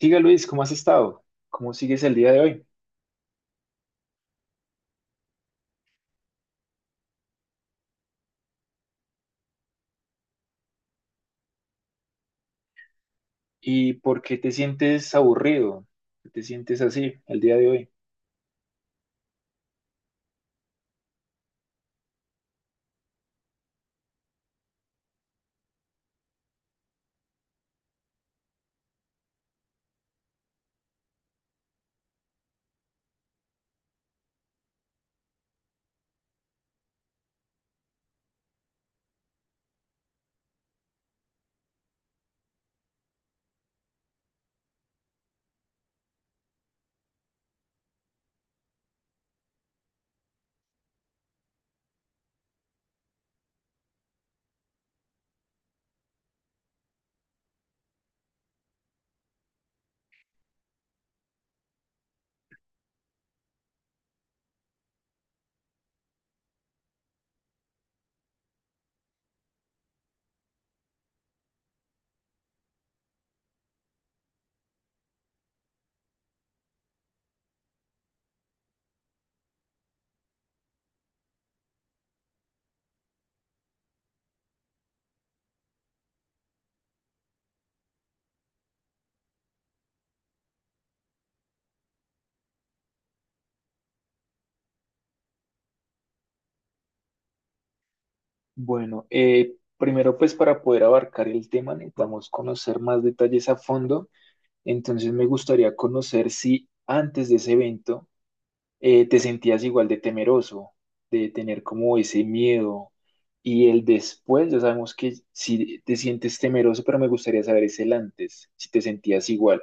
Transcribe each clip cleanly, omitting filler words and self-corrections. Diga Luis, ¿cómo has estado? ¿Cómo sigues el día de hoy? ¿Y por qué te sientes aburrido? ¿Por qué te sientes así el día de hoy? Bueno, primero pues para poder abarcar el tema necesitamos conocer más detalles a fondo. Entonces me gustaría conocer si antes de ese evento te sentías igual de temeroso, de tener como ese miedo y el después. Ya sabemos que si te sientes temeroso, pero me gustaría saber es el antes, si te sentías igual.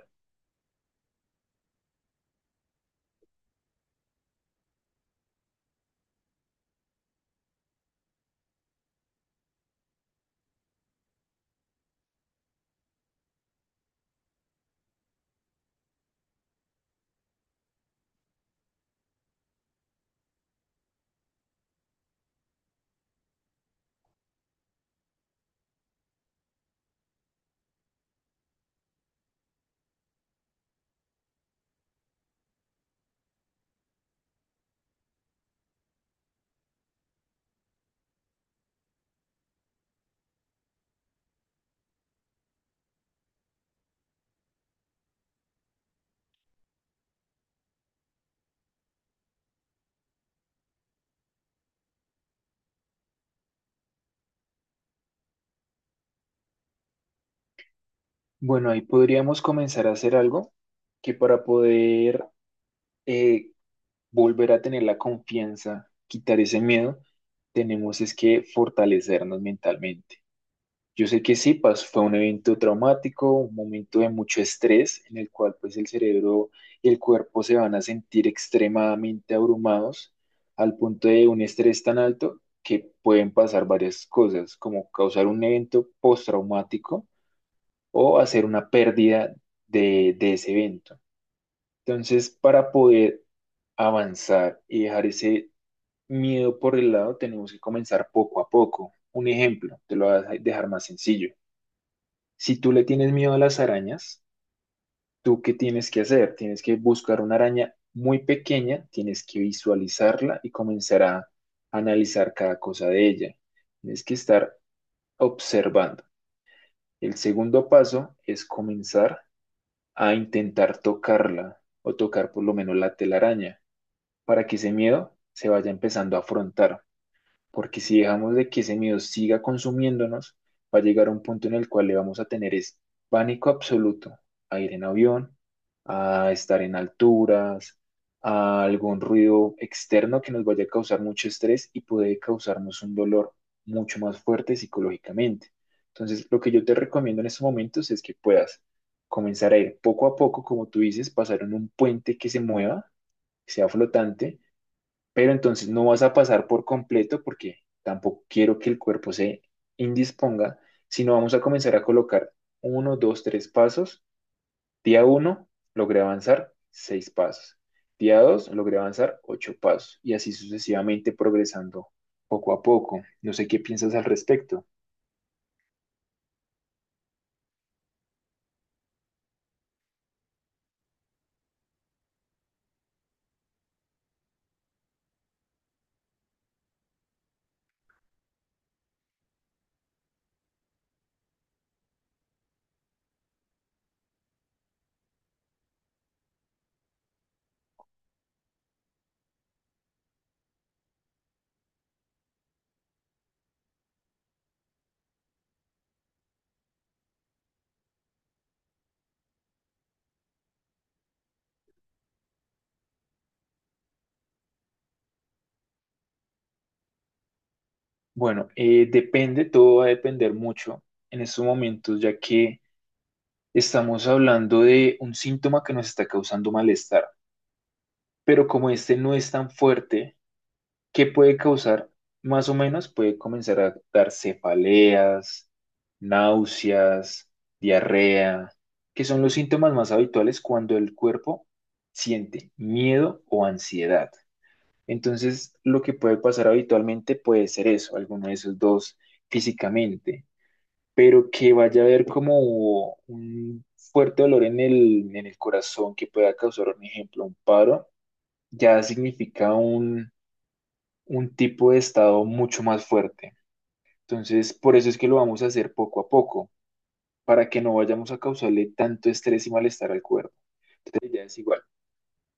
Bueno, ahí podríamos comenzar a hacer algo que para poder eh, volver a tener la confianza, quitar ese miedo, tenemos es que fortalecernos mentalmente. Yo sé que sí, pues, fue un evento traumático, un momento de mucho estrés en el cual pues el cerebro y el cuerpo se van a sentir extremadamente abrumados al punto de un estrés tan alto que pueden pasar varias cosas, como causar un evento postraumático o hacer una pérdida de ese evento. Entonces, para poder avanzar y dejar ese miedo por el lado, tenemos que comenzar poco a poco. Un ejemplo, te lo voy a dejar más sencillo. Si tú le tienes miedo a las arañas, ¿tú qué tienes que hacer? Tienes que buscar una araña muy pequeña, tienes que visualizarla y comenzar a analizar cada cosa de ella. Tienes que estar observando. El segundo paso es comenzar a intentar tocarla o tocar por lo menos la telaraña para que ese miedo se vaya empezando a afrontar. Porque si dejamos de que ese miedo siga consumiéndonos, va a llegar a un punto en el cual le vamos a tener es pánico absoluto a ir en avión, a estar en alturas, a algún ruido externo que nos vaya a causar mucho estrés y puede causarnos un dolor mucho más fuerte psicológicamente. Entonces, lo que yo te recomiendo en estos momentos es que puedas comenzar a ir poco a poco, como tú dices, pasar en un puente que se mueva, que sea flotante pero entonces no vas a pasar por completo porque tampoco quiero que el cuerpo se indisponga, sino vamos a comenzar a colocar uno, dos, tres pasos. Día uno, logré avanzar seis pasos. Día dos, logré avanzar ocho pasos y así sucesivamente progresando poco a poco. No sé qué piensas al respecto. Bueno, depende, todo va a depender mucho en estos momentos, ya que estamos hablando de un síntoma que nos está causando malestar, pero como este no es tan fuerte, ¿qué puede causar? Más o menos puede comenzar a dar cefaleas, náuseas, diarrea, que son los síntomas más habituales cuando el cuerpo siente miedo o ansiedad. Entonces, lo que puede pasar habitualmente puede ser eso, alguno de esos dos físicamente, pero que vaya a haber como un fuerte dolor en el corazón que pueda causar, por ejemplo, un paro, ya significa un tipo de estado mucho más fuerte. Entonces, por eso es que lo vamos a hacer poco a poco, para que no vayamos a causarle tanto estrés y malestar al cuerpo. Entonces, ya es igual,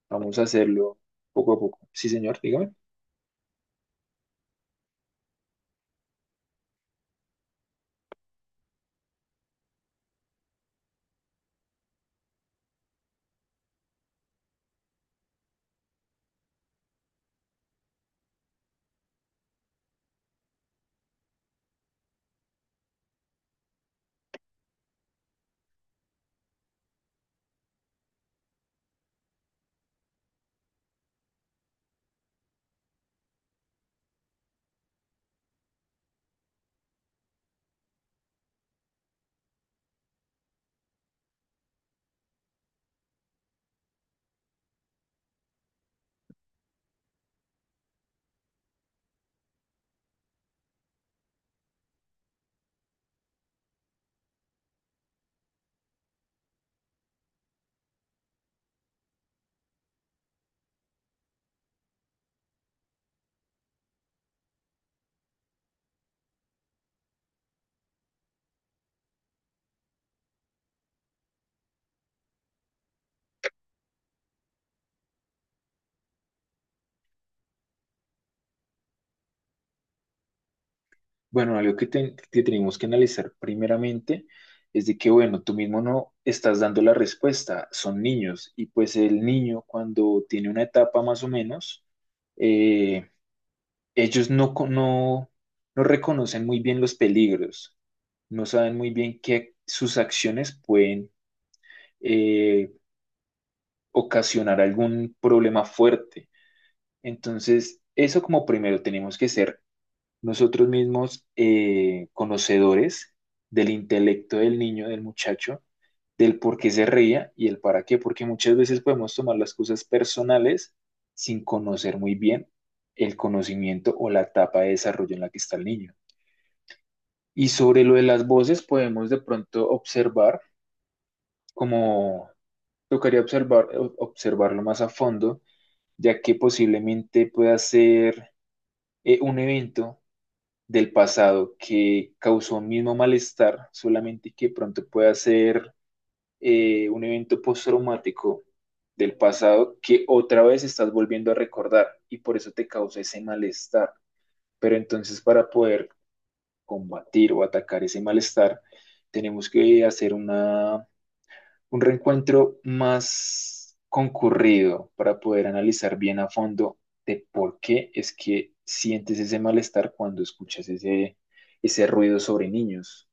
vamos a hacerlo poco a poco. Sí, señor, dígame. Bueno, algo que tenemos que analizar primeramente es de que, bueno, tú mismo no estás dando la respuesta, son niños, y pues el niño cuando tiene una etapa más o menos, eh, ellos no reconocen muy bien los peligros. No saben muy bien que sus acciones pueden eh, ocasionar algún problema fuerte. Entonces, eso como primero tenemos que ser nosotros mismos conocedores del intelecto del niño, del muchacho, del por qué se reía y el para qué, porque muchas veces podemos tomar las cosas personales sin conocer muy bien el conocimiento o la etapa de desarrollo en la que está el niño. Y sobre lo de las voces podemos de pronto observar como tocaría observar, observarlo más a fondo, ya que posiblemente pueda ser un evento del pasado que causó un mismo malestar, solamente que pronto pueda ser un evento postraumático del pasado que otra vez estás volviendo a recordar y por eso te causa ese malestar. Pero entonces para poder combatir o atacar ese malestar, tenemos que hacer una un reencuentro más concurrido para poder analizar bien a fondo de por qué es que sientes ese malestar cuando escuchas ese ruido sobre niños.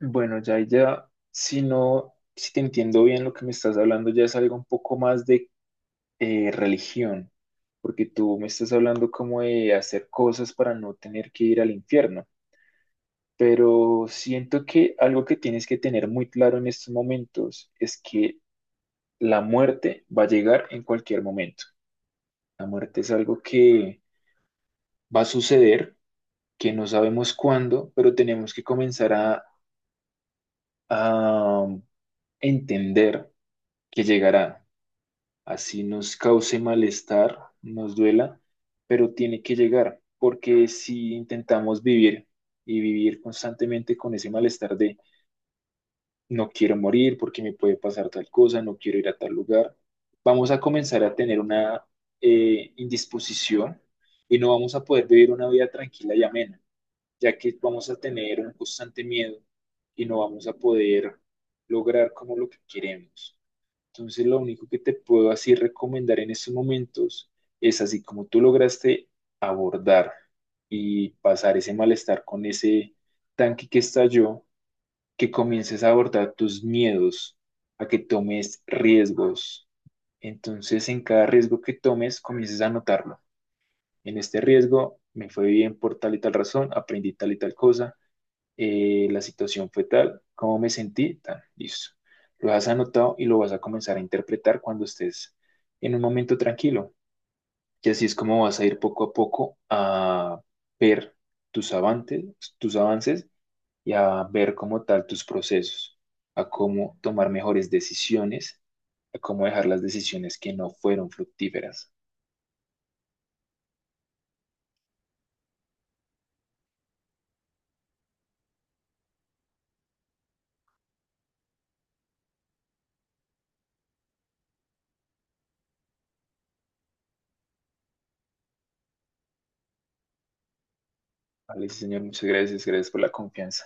Bueno, ya, ya, si no, si te entiendo bien lo que me estás hablando, ya es algo un poco más de religión, porque tú me estás hablando como de hacer cosas para no tener que ir al infierno. Pero siento que algo que tienes que tener muy claro en estos momentos es que la muerte va a llegar en cualquier momento. La muerte es algo que va a suceder, que no sabemos cuándo, pero tenemos que comenzar a, a um, entender que llegará. Así nos cause malestar, nos duela, pero tiene que llegar, porque si intentamos vivir y vivir constantemente con ese malestar de no quiero morir porque me puede pasar tal cosa, no quiero ir a tal lugar. Vamos a comenzar a tener una indisposición y no vamos a poder vivir una vida tranquila y amena, ya que vamos a tener un constante miedo y no vamos a poder lograr como lo que queremos. Entonces, lo único que te puedo así recomendar en estos momentos es así como tú lograste abordar y pasar ese malestar con ese tanque que estalló que comiences a abordar tus miedos, a que tomes riesgos. Entonces, en cada riesgo que tomes, comiences a anotarlo. En este riesgo me fue bien por tal y tal razón, aprendí tal y tal cosa, la situación fue tal, cómo me sentí, tan, listo. Lo has anotado y lo vas a comenzar a interpretar cuando estés en un momento tranquilo. Y así es como vas a ir poco a poco a ver tus avances, tus avances y a ver como tal tus procesos, a cómo tomar mejores decisiones, a cómo dejar las decisiones que no fueron fructíferas. Vale, sí, señor, muchas gracias, gracias por la confianza.